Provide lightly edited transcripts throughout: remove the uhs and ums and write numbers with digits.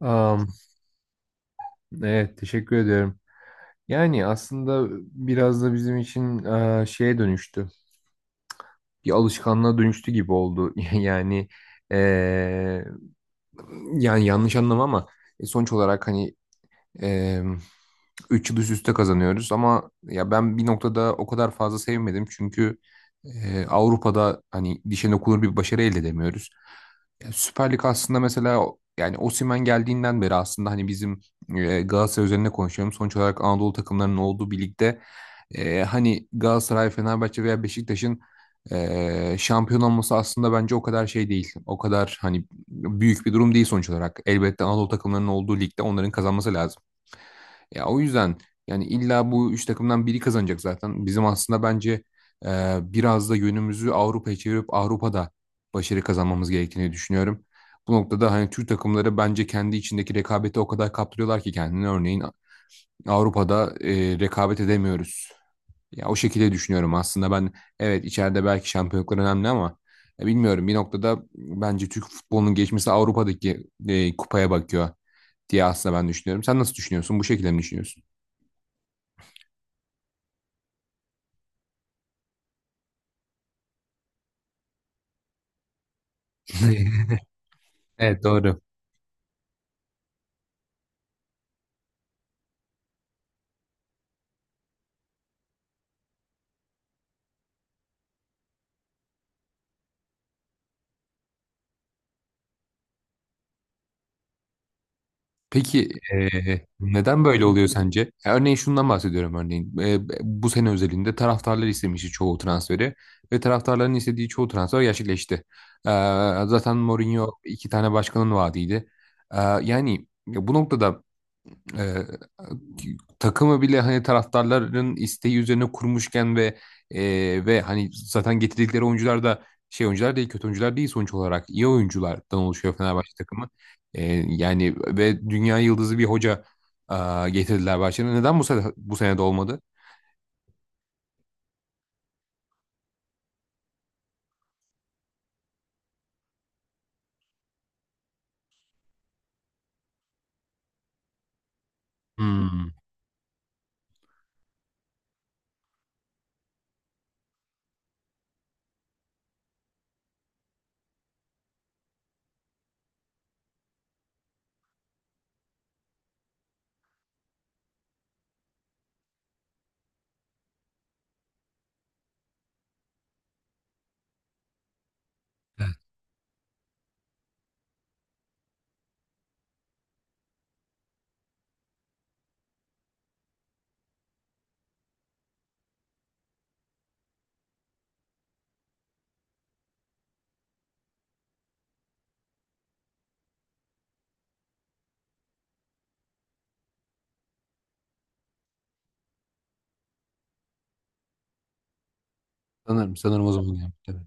Am, evet, teşekkür ediyorum. Yani aslında biraz da bizim için şeye dönüştü. Bir alışkanlığa dönüştü gibi oldu. E, yani yanlış anlama ama sonuç olarak hani Ee, 3 yıl üst üste kazanıyoruz ama ya ben bir noktada o kadar fazla sevmedim çünkü Avrupa'da hani dişe dokunur bir başarı elde edemiyoruz. Ya Süper Lig aslında mesela yani Osimhen geldiğinden beri aslında hani bizim Galatasaray üzerine konuşuyorum. Sonuç olarak Anadolu takımlarının olduğu bir ligde hani Galatasaray, Fenerbahçe veya Beşiktaş'ın şampiyon olması aslında bence o kadar şey değil. O kadar hani büyük bir durum değil sonuç olarak. Elbette Anadolu takımlarının olduğu ligde onların kazanması lazım. Ya o yüzden yani illa bu üç takımdan biri kazanacak zaten. Bizim aslında bence biraz da yönümüzü Avrupa'ya çevirip Avrupa'da başarı kazanmamız gerektiğini düşünüyorum. Bu noktada hani Türk takımları bence kendi içindeki rekabeti o kadar kaptırıyorlar ki kendini. Örneğin Avrupa'da rekabet edemiyoruz. Ya o şekilde düşünüyorum aslında ben, evet, içeride belki şampiyonluklar önemli ama bilmiyorum bir noktada bence Türk futbolunun geçmesi Avrupa'daki kupaya bakıyor diye aslında ben düşünüyorum. Sen nasıl düşünüyorsun? Bu şekilde mi düşünüyorsun? Evet, doğru. Peki, neden böyle oluyor sence? Ya örneğin şundan bahsediyorum örneğin. Bu sene özelinde taraftarlar istemişti çoğu transferi ve taraftarların istediği çoğu transfer gerçekleşti. Zaten Mourinho iki tane başkanın vaadiydi. Yani bu noktada e, takımı bile hani taraftarların isteği üzerine kurmuşken ve ve hani zaten getirdikleri oyuncular da şey oyuncular değil, kötü oyuncular değil, sonuç olarak iyi oyunculardan oluşuyor Fenerbahçe takımı. E, Yani ve dünya yıldızı bir hoca getirdiler Bahçe'ne. Neden bu sene, bu sene de olmadı? Hmm. Evet, sanırım o zaman yaptı.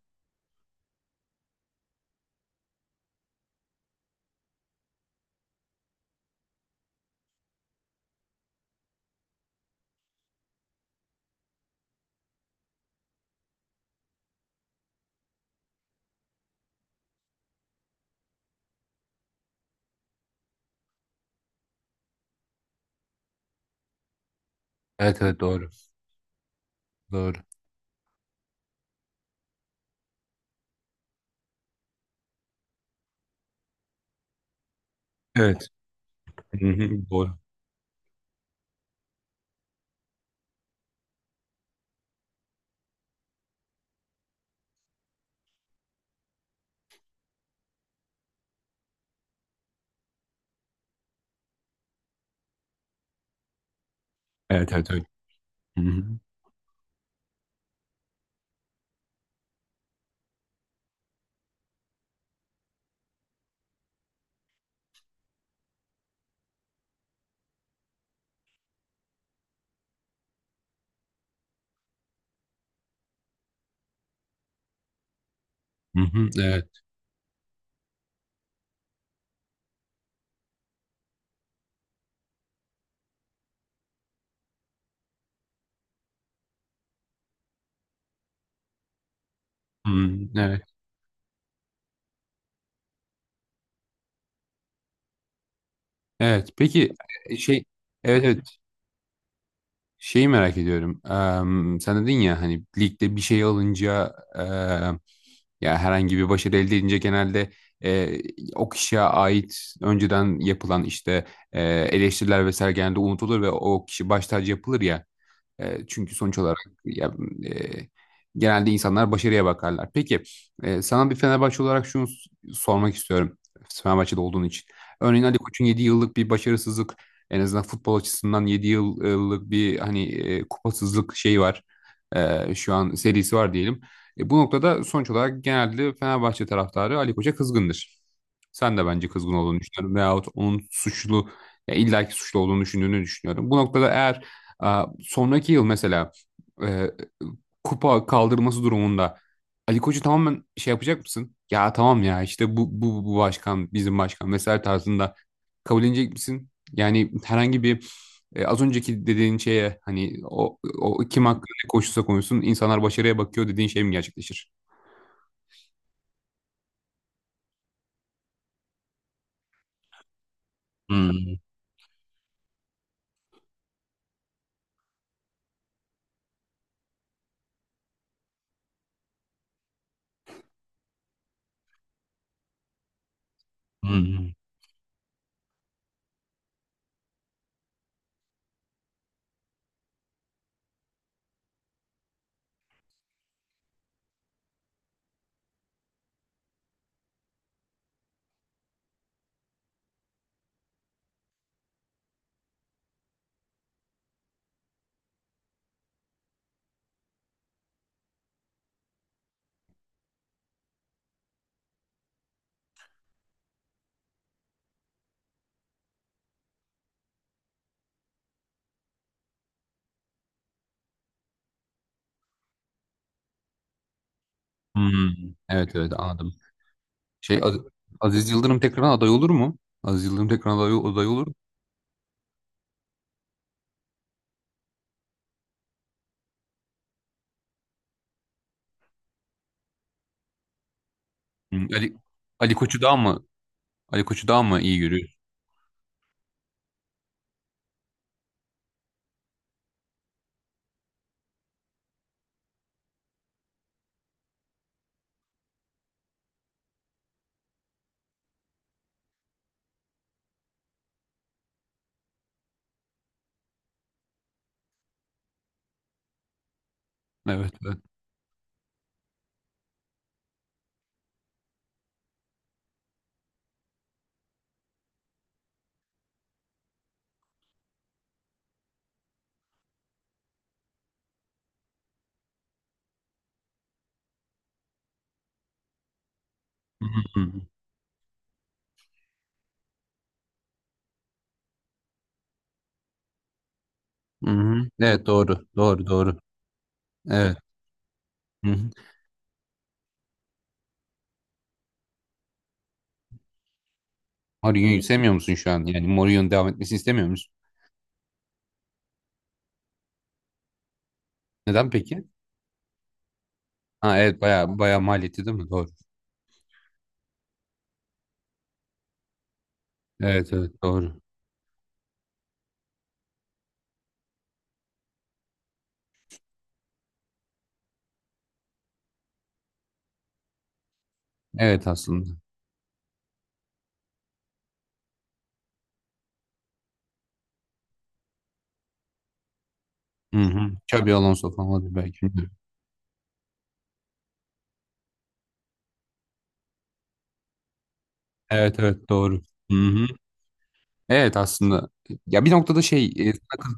Evet, evet, evet, doğru. Doğru. Evet. Hı hı. Doğru. Evet, evet, evet. Hı hı, hı hı, evet. Hı hı, evet. Evet. Peki. şey Evet, evet. Şeyi merak ediyorum. Sen dedin ya hani ligde bir şey alınca, ya herhangi bir başarı elde edince, genelde e, o kişiye ait önceden yapılan işte eleştiriler vesaire genelde unutulur ve o kişi baş tacı yapılır ya. Çünkü sonuç olarak ya, e, genelde insanlar başarıya bakarlar. Peki, sana bir Fenerbahçe olarak şunu sormak istiyorum. Fenerbahçe'de olduğun için. Örneğin Ali Koç'un 7 yıllık bir başarısızlık, en azından futbol açısından 7 yıllık bir hani kupasızlık şeyi var. Şu an serisi var diyelim. Bu noktada sonuç olarak genelde Fenerbahçe taraftarı Ali Koç'a kızgındır. Sen de bence kızgın olduğunu düşünüyorum, veyahut onun suçlu, ya illaki suçlu olduğunu düşündüğünü düşünüyorum. Bu noktada eğer sonraki yıl mesela e, kupa kaldırması durumunda Ali Koç'u tamamen şey yapacak mısın? Ya tamam, ya işte bu başkan, bizim başkan vesaire tarzında kabul edecek misin? Yani herhangi bir az önceki dediğin şeye hani o kim hakkında ne konuşursa konuşsun insanlar başarıya bakıyor dediğin şey mi gerçekleşir? Hmm, hmm, hmm. Evet, evet, anladım. Şey Az- Aziz Yıldırım tekrar aday olur mu? Aziz Yıldırım tekrar aday olur mu? Hı, Ali Koç'u daha mı iyi görüyorsun? Evet. Evet. Hı hı. Hı hı. Evet, doğru. Doğru, doğru. Evet. Hı hı. Mourinho'yu sevmiyor musun şu an? Yani Mourinho'nun devam etmesini istemiyor musun? Neden peki? Ha, evet, bayağı bayağı maliyeti değil mi? Doğru. Evet, evet, doğru. Evet, aslında. Hı hı. Xabi Alonso falan olabilir belki, bilmiyorum. Evet, evet, doğru. Hı hı. Evet, aslında. Ya bir noktada şey, sana...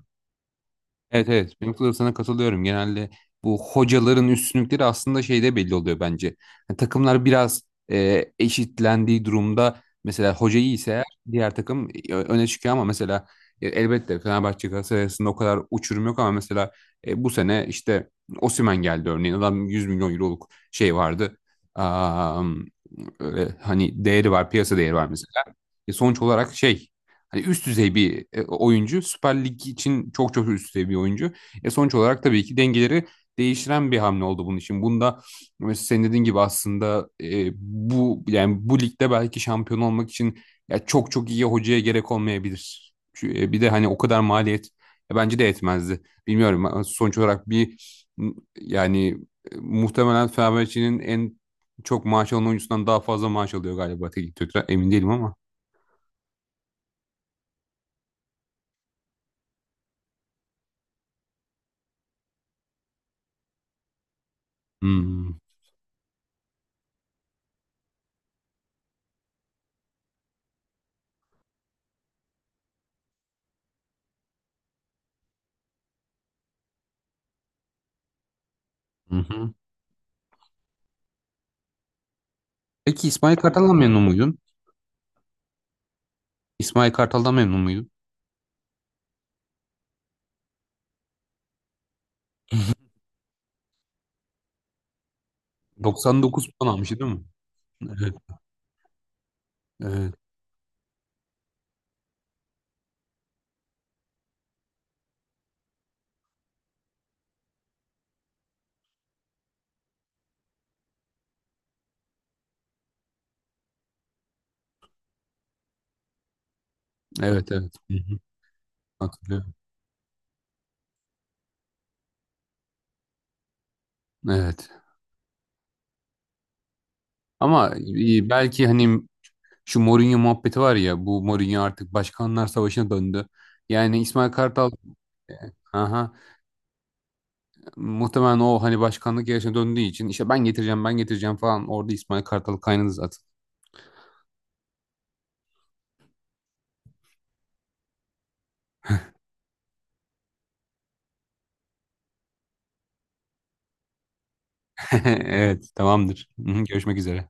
Evet, evet, benim kadar sana katılıyorum. Genelde bu hocaların üstünlükleri aslında şeyde belli oluyor bence. Yani takımlar biraz eşitlendiği durumda, mesela hoca iyi ise eğer diğer takım öne çıkıyor. Ama mesela elbette Fenerbahçe Galatasaray arasında o kadar uçurum yok. Ama mesela bu sene işte Osimhen geldi örneğin. Adam 100 milyon euroluk şey vardı. Am, Öyle hani değeri var, piyasa değeri var mesela. Sonuç olarak şey, hani üst düzey bir oyuncu. Süper Lig için çok çok üst düzey bir oyuncu. Sonuç olarak tabii ki dengeleri değiştiren bir hamle oldu bunun için. Bunda mesela senin dediğin gibi aslında, bu yani bu ligde belki şampiyon olmak için ya çok çok iyi hocaya gerek olmayabilir. Bir de hani o kadar maliyet bence de etmezdi. Bilmiyorum. Sonuç olarak bir yani muhtemelen Fenerbahçe'nin en çok maaş alan oyuncusundan daha fazla maaş alıyor galiba teknik direktör. Emin değilim ama. Hmm. Hı hı. Peki, İsmail Kartal'dan memnun muydun? İsmail Kartal'dan memnun muydun? 99 puan almıştı değil mi? Evet, evet, evet, evet. Hı hı. Hatırlıyorum. Evet. Ama belki hani şu Mourinho muhabbeti var ya, bu Mourinho artık Başkanlar Savaşı'na döndü. Yani İsmail Kartal... Aha. Muhtemelen o hani başkanlık yarışına döndüğü için işte ben getireceğim, ben getireceğim falan, orada İsmail Kartal kaynadı zaten. Evet, tamamdır. Hı hı. Görüşmek üzere.